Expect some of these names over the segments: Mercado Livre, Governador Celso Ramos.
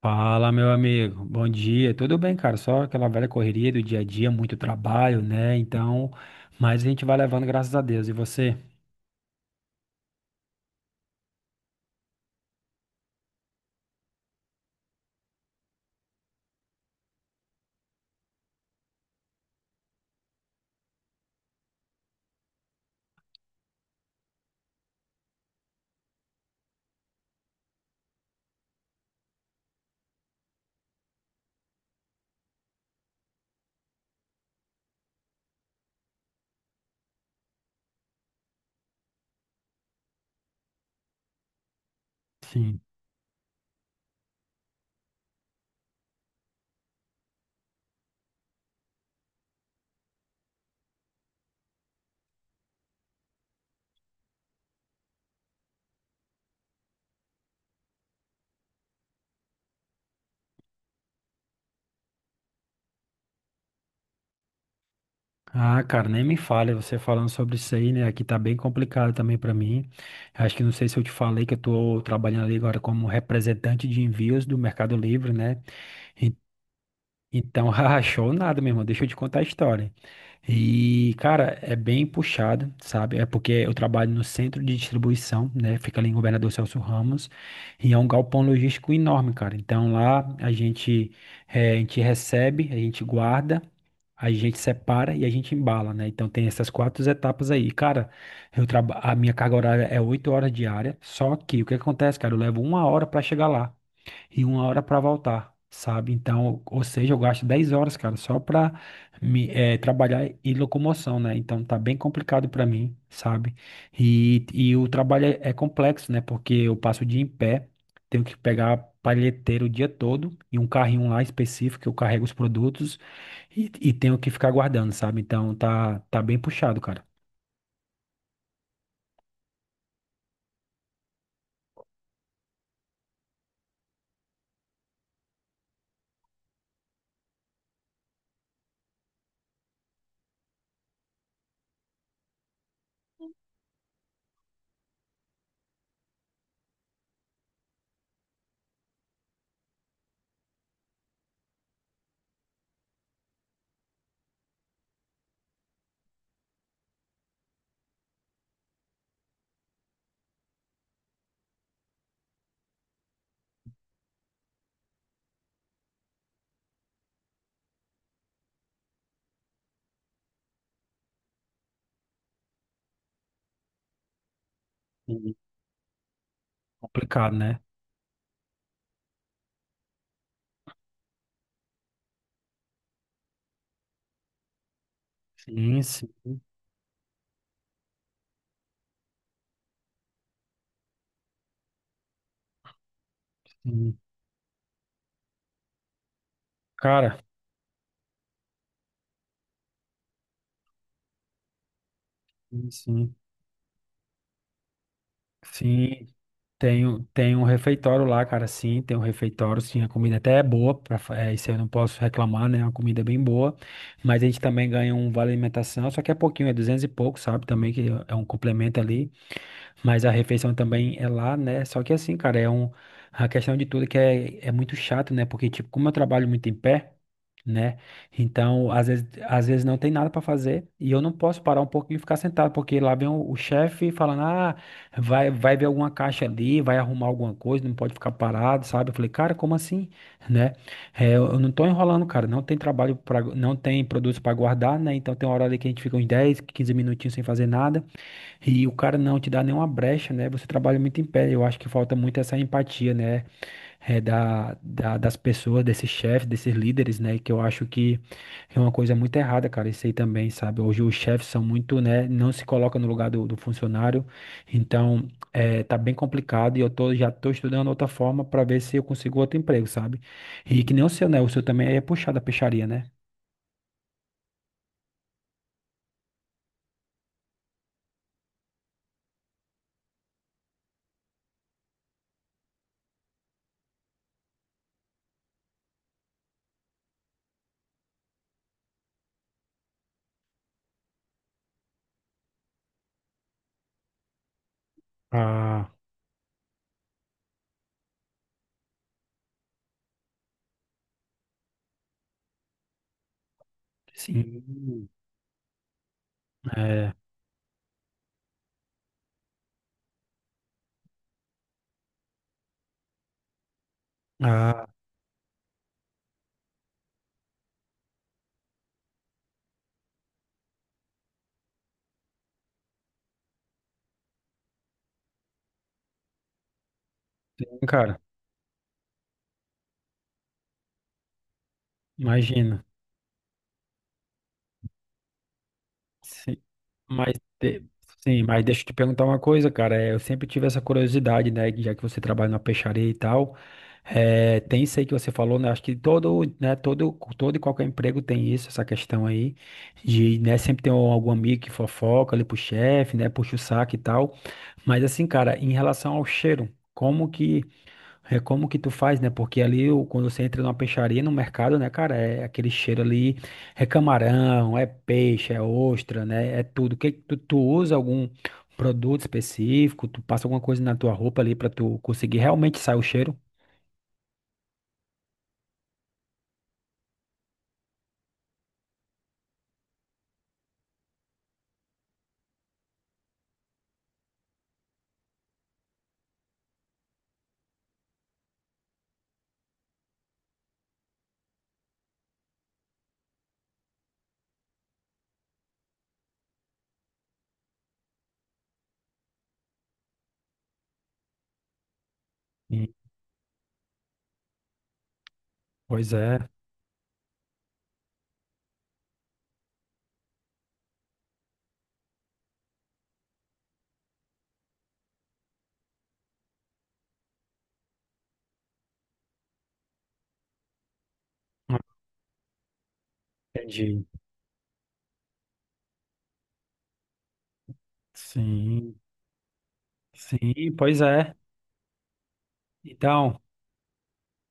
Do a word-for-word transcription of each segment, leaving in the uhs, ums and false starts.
Fala, meu amigo. Bom dia. Tudo bem, cara? Só aquela velha correria do dia a dia, muito trabalho, né? Então, mas a gente vai levando, graças a Deus. E você? Sim. Ah, cara, nem me fale você falando sobre isso aí, né? Aqui tá bem complicado também pra mim. Acho que não sei se eu te falei que eu tô trabalhando ali agora como representante de envios do Mercado Livre, né? Então, rachou nada, meu irmão. Deixa eu te contar a história. E, cara, é bem puxado, sabe? É porque eu trabalho no centro de distribuição, né? Fica ali em Governador Celso Ramos. E é um galpão logístico enorme, cara. Então, lá a gente, eh, a gente recebe, a gente guarda, a gente separa e a gente embala, né? Então, tem essas quatro etapas aí. Cara, eu traba... a minha carga horária é oito horas diária. Só que o que acontece, cara? Eu levo uma hora pra chegar lá e uma hora para voltar, sabe? Então, ou seja, eu gasto dez horas, cara, só para me eh, trabalhar e locomoção, né? Então tá bem complicado para mim, sabe? E, e o trabalho é, é complexo, né? Porque eu passo o dia em pé, tenho que pegar palheteiro o dia todo e um carrinho lá específico que eu carrego os produtos e, e tenho que ficar guardando, sabe? Então tá tá bem puxado, cara. Sim. Complicado, né? Sim, sim, sim. Cara, sim, sim. Sim, tem, um- tem um refeitório lá, cara, sim, tem um refeitório, sim, a comida até é boa, pra, fa- é, isso eu não posso reclamar, né, a comida é bem boa, mas a gente também ganha um vale alimentação, só que é pouquinho, é duzentos e pouco, sabe, também que é um complemento ali, mas a refeição também é lá, né, só que assim, cara, é um, a questão de tudo é que é, é muito chato, né, porque, tipo, como eu trabalho muito em pé, né? Então, às vezes, às vezes não tem nada para fazer e eu não posso parar um pouquinho e ficar sentado, porque lá vem o, o chefe falando: "Ah, vai vai ver alguma caixa ali, vai arrumar alguma coisa, não pode ficar parado", sabe? Eu falei: "Cara, como assim?", né? É, eu eu não tô enrolando, cara. Não tem trabalho para, não tem produto para guardar, né? Então tem uma hora ali que a gente fica uns dez quinze minutinhos sem fazer nada. E o cara não te dá nenhuma brecha, né? Você trabalha muito em pé. Eu acho que falta muito essa empatia, né? É, da, da- das pessoas, desses chefes, desses líderes, né? Que eu acho que é uma coisa muito errada, cara. Isso aí também, sabe? Hoje os chefes são muito, né? Não se colocam no lugar do, do funcionário. Então, é, tá bem complicado e eu tô, já tô estudando outra forma para ver se eu consigo outro emprego, sabe? E que nem o seu, né? O seu também é puxado a peixaria, né? Ah, sim. Hum, é. Ah, sim, cara. Imagino. Sim. Mas, de- sim, mas deixa eu te perguntar uma coisa, cara. É, eu sempre tive essa curiosidade, né? que Já que você trabalha na peixaria e tal, é, tem isso aí que você falou, né? Acho que todo, né? Todo, todo e qualquer emprego tem isso, essa questão aí. De, né? Sempre tem algum amigo que fofoca ali pro chefe, né? Puxa o saco e tal. Mas assim, cara, em relação ao cheiro, como que é como que tu faz, né? Porque ali, o- quando você entra numa peixaria, no mercado, né, cara, é aquele cheiro ali, é camarão, é peixe, é ostra, né? É tudo. Que tu, tu usa algum produto específico? Tu passa alguma coisa na tua roupa ali pra tu conseguir realmente sair o cheiro? Sim, pois é. Ah, entendi. Sim, sim. Pois é. Então.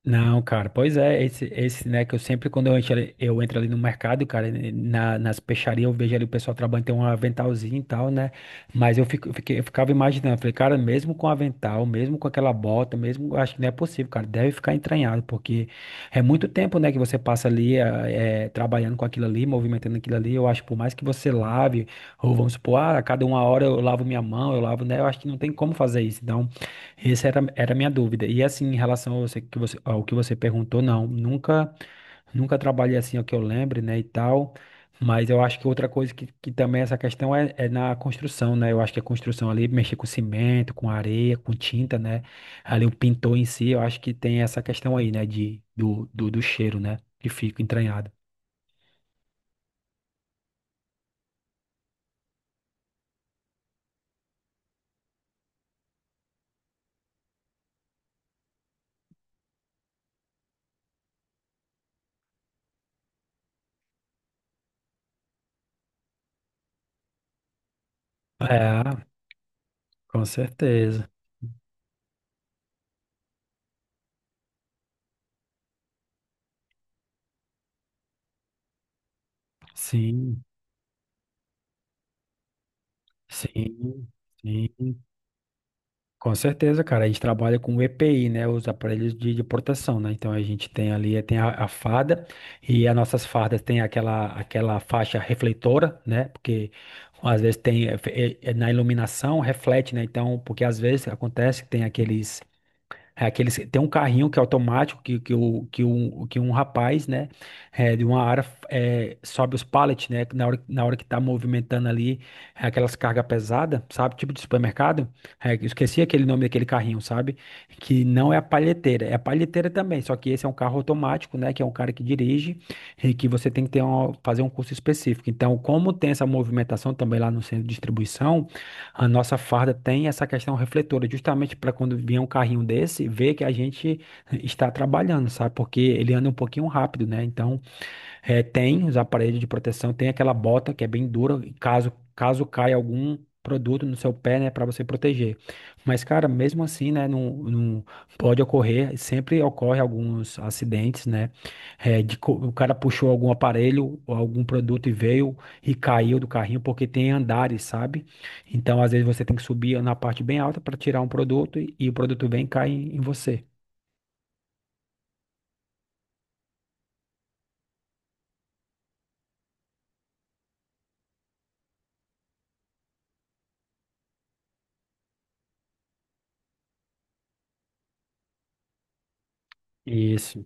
Não, cara, pois é, esse, esse, né, que eu sempre, quando eu entro ali, eu entro ali no mercado, cara, na, nas peixarias, eu vejo ali o pessoal trabalhando, tem um aventalzinho e tal, né, mas eu, fico, eu fiquei- eu ficava imaginando, falei, cara, mesmo com avental, mesmo com aquela bota, mesmo, eu acho que não é possível, cara, deve ficar entranhado, porque é muito tempo, né, que você passa ali, eh, eh, trabalhando com aquilo ali, movimentando aquilo ali, eu acho, que por mais que você lave, ou vamos supor, ah, a cada uma hora eu lavo minha mão, eu lavo, né, eu acho que não tem como fazer isso, essa era, era a minha dúvida. E assim, em relação ao você- que você, ao que você perguntou, não, nunca, nunca trabalhei assim, ao que eu lembre, né, e tal. Mas eu acho que outra coisa que, que também é essa questão é, é na construção, né? Eu acho que a construção ali, mexer com cimento, com areia, com tinta, né? Ali o pintor em si, eu acho que tem essa questão aí, né, de, do, do, do cheiro, né, que fica entranhado. É, com certeza. Sim, sim, sim. Com certeza, cara. A gente trabalha com o E P I, né? Os aparelhos de, de proteção, né? Então a gente tem ali, tem a, a farda, e as nossas fardas têm aquela, aquela faixa refletora, né? Porque às vezes tem eh, eh, eh, na iluminação reflete, né? Então, porque às vezes acontece que tem aqueles é aqueles, tem um carrinho que é automático que, que, o, que, um, que um rapaz, né, é, de uma área é, sobe os pallets, né, na hora, na hora que tá movimentando ali é, aquelas cargas pesadas, sabe, tipo de supermercado. É, eu esqueci aquele nome daquele carrinho, sabe, que não é a palheteira, é a palheteira também, só que esse é um carro automático, né, que é um cara que dirige e que você tem que ter uma, fazer um curso específico. Então, como tem essa movimentação também lá no centro de distribuição, a nossa farda tem essa questão refletora, justamente para quando vier um carrinho desse, ver que a gente eh, está trabalhando, sabe? Porque ele anda um pouquinho rápido, né? Então, é, tem os aparelhos de proteção, tem aquela bota que é bem dura, e caso caso caia algum produto no seu pé, né, para você proteger. Mas, cara, mesmo assim, né, não, não pode ocorrer, sempre ocorre alguns acidentes, né, é, de, co- o cara puxou algum aparelho ou algum produto e veio e caiu do carrinho, porque tem andares, sabe? Então, às vezes você tem que subir na parte bem alta para tirar um produto e, e o produto vem e cai em, em você. Isso.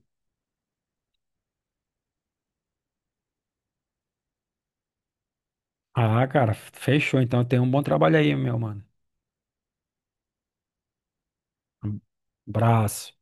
Ah, cara, fechou. Então, tem um bom trabalho aí, meu mano. Um abraço.